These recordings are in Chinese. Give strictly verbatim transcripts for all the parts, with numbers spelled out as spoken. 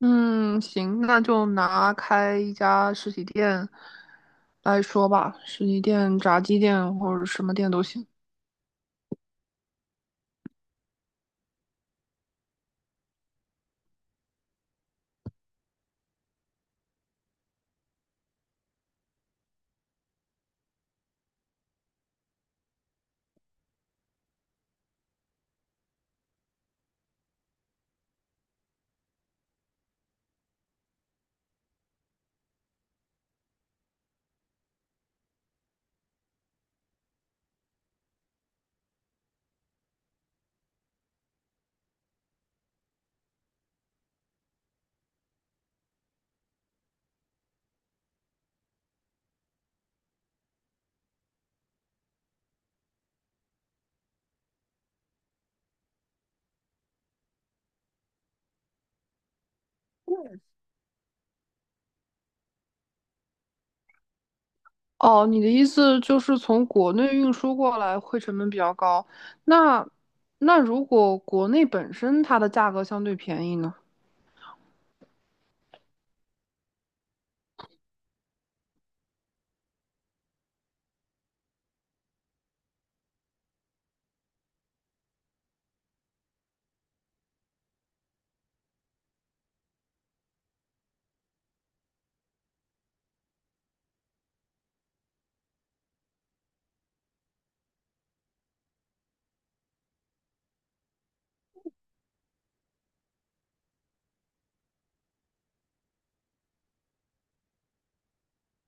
嗯，行，那就拿开一家实体店来说吧，实体店、炸鸡店或者什么店都行。哦，你的意思就是从国内运输过来会成本比较高，那那如果国内本身它的价格相对便宜呢？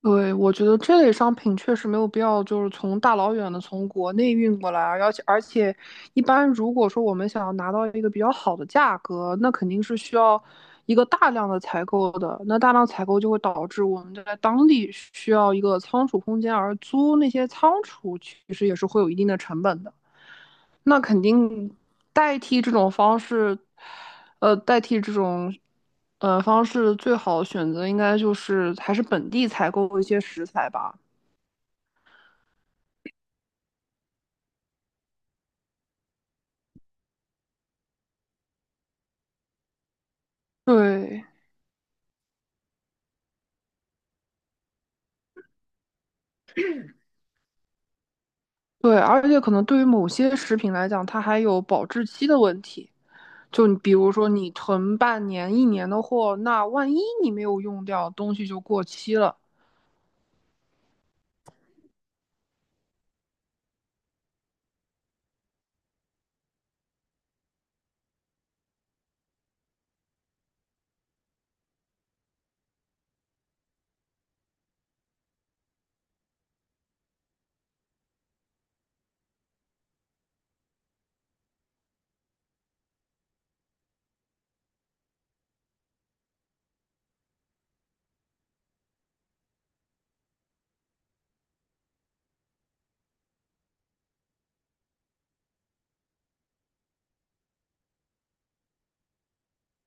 对，我觉得这类商品确实没有必要，就是从大老远的从国内运过来，而且而且，一般如果说我们想要拿到一个比较好的价格，那肯定是需要一个大量的采购的。那大量采购就会导致我们在当地需要一个仓储空间，而租那些仓储其实也是会有一定的成本的。那肯定代替这种方式，呃，代替这种呃方式最好的选择应该就是还是本地采购一些食材吧。对对，而且可能对于某些食品来讲，它还有保质期的问题。就你比如说你囤半年、一年的货，那万一你没有用掉，东西就过期了。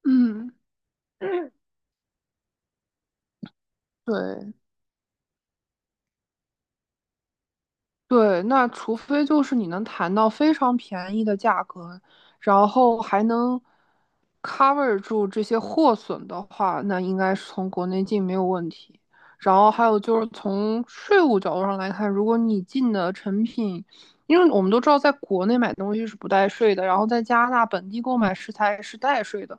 嗯，对。对，那除非就是你能谈到非常便宜的价格，然后还能 cover 住这些货损的话，那应该是从国内进没有问题。然后还有就是从税务角度上来看，如果你进的成品，因为我们都知道在国内买东西是不带税的，然后在加拿大本地购买食材是带税的。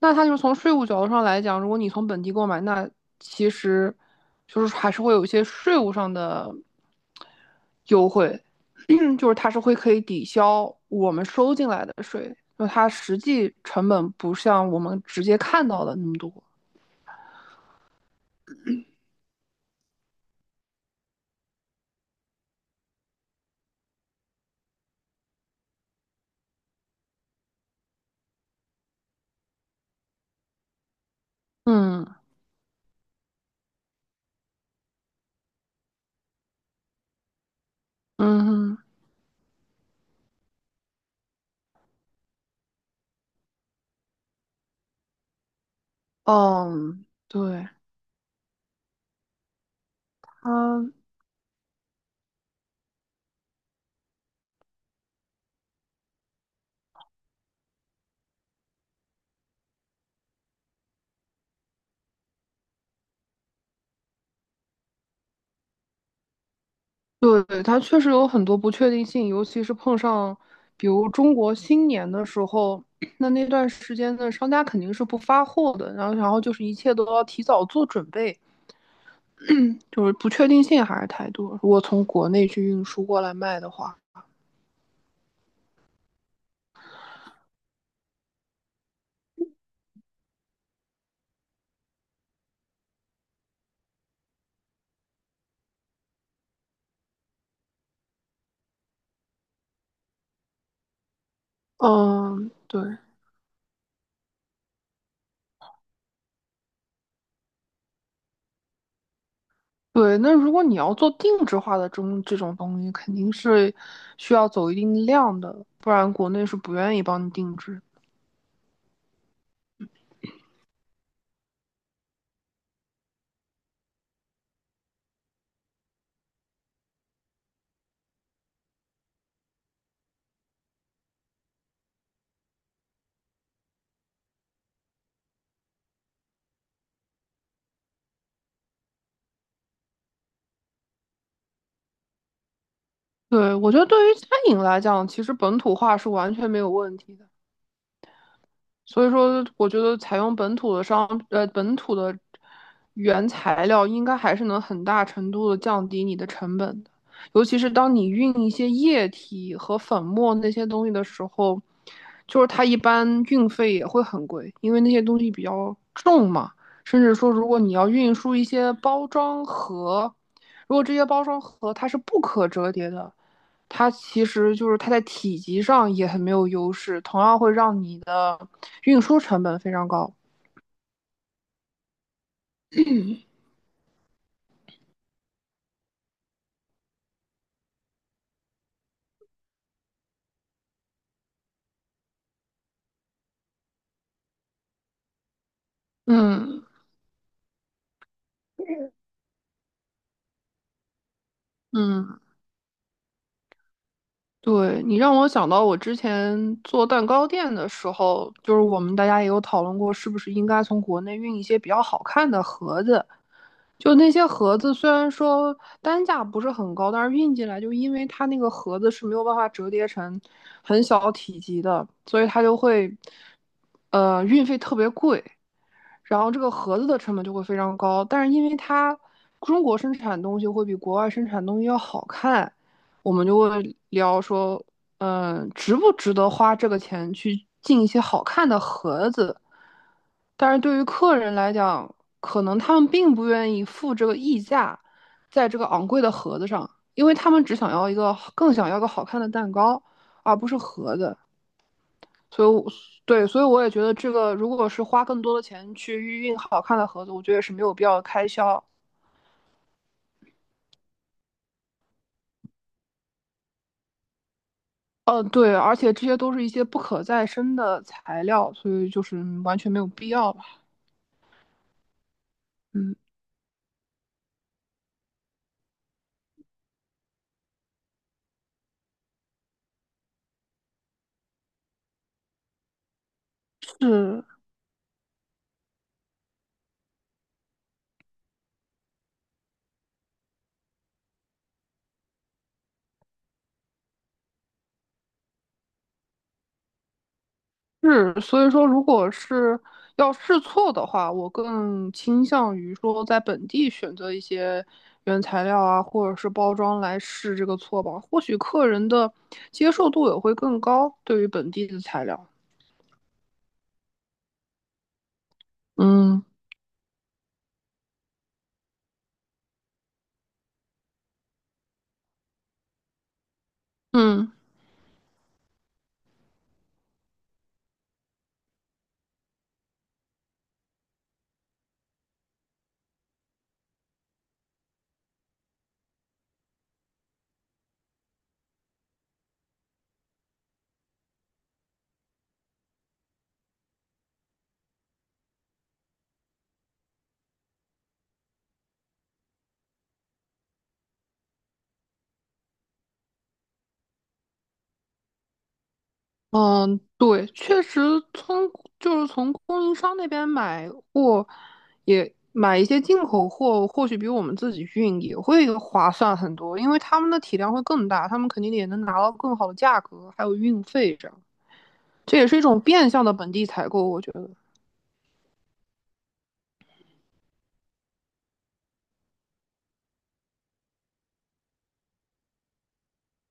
那它就是从税务角度上来讲，如果你从本地购买，那其实就是还是会有一些税务上的优惠，就是它是会可以抵消我们收进来的税，就它实际成本不像我们直接看到的那么多。嗯嗯嗯，对，它对，它确实有很多不确定性，尤其是碰上，比如中国新年的时候，那那段时间的商家肯定是不发货的，然后然后就是一切都要提早做准备，就是不确定性还是太多。如果从国内去运输过来卖的话，嗯，对对，那如果你要做定制化的这种这种东西，肯定是需要走一定量的，不然国内是不愿意帮你定制。对，我觉得对于餐饮来讲，其实本土化是完全没有问题的。所以说，我觉得采用本土的商，呃，本土的原材料，应该还是能很大程度的降低你的成本的。尤其是当你运一些液体和粉末那些东西的时候，就是它一般运费也会很贵，因为那些东西比较重嘛。甚至说，如果你要运输一些包装盒，如果这些包装盒它是不可折叠的，它其实就是它在体积上也很没有优势，同样会让你的运输成本非常高。嗯嗯，对，你让我想到我之前做蛋糕店的时候，就是我们大家也有讨论过，是不是应该从国内运一些比较好看的盒子。就那些盒子，虽然说单价不是很高，但是运进来就因为它那个盒子是没有办法折叠成很小体积的，所以它就会，呃，运费特别贵。然后这个盒子的成本就会非常高。但是因为它中国生产东西会比国外生产东西要好看，我们就会聊说，嗯，值不值得花这个钱去进一些好看的盒子？但是对于客人来讲，可能他们并不愿意付这个溢价，在这个昂贵的盒子上，因为他们只想要一个更想要个好看的蛋糕，而不是盒子。所以对，所以我也觉得这个如果是花更多的钱去预印好看的盒子，我觉得也是没有必要的开销。呃，对，而且这些都是一些不可再生的材料，所以就是完全没有必要吧。嗯，是是，所以说如果是要试错的话，我更倾向于说在本地选择一些原材料啊，或者是包装来试这个错吧，或许客人的接受度也会更高，对于本地的材料。嗯嗯。嗯，对，确实从就是从供应商那边买货，也买一些进口货，或许比我们自己运也会划算很多，因为他们的体量会更大，他们肯定也能拿到更好的价格，还有运费这样，这也是一种变相的本地采购，我觉得。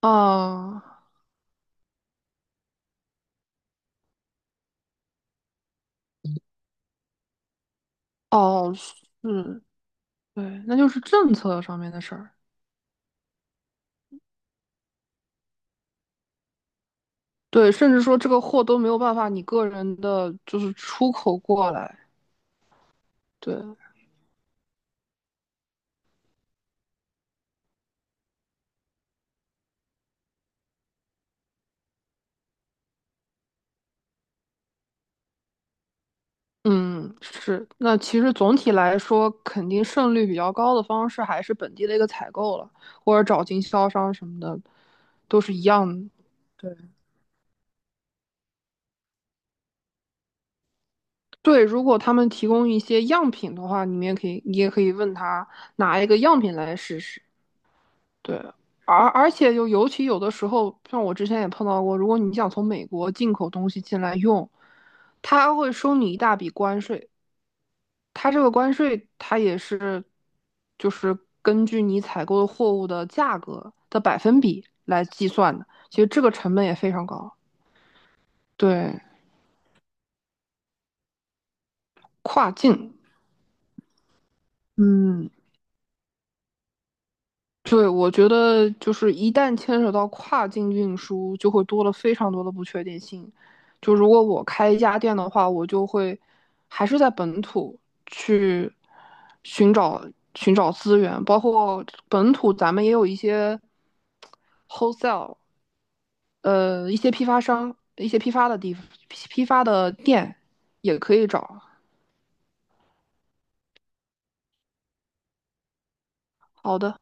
啊，哦，是，对，那就是政策上面的事儿，对，甚至说这个货都没有办法你个人的就是出口过来，对。嗯，是。那其实总体来说，肯定胜率比较高的方式还是本地的一个采购了，或者找经销商什么的，都是一样的。对，对，如果他们提供一些样品的话，你们也可以，你也可以问他拿一个样品来试试。对，而而且就尤其有的时候，像我之前也碰到过，如果你想从美国进口东西进来用，他会收你一大笔关税。它这个关税，它也是就是根据你采购的货物的价格的百分比来计算的。其实这个成本也非常高。对，跨境，嗯，对，我觉得就是一旦牵扯到跨境运输，就会多了非常多的不确定性。就如果我开一家店的话，我就会还是在本土去寻找寻找资源，包括本土咱们也有一些 wholesale。呃，一些批发商、一些批发的地批发的店也可以找。好的。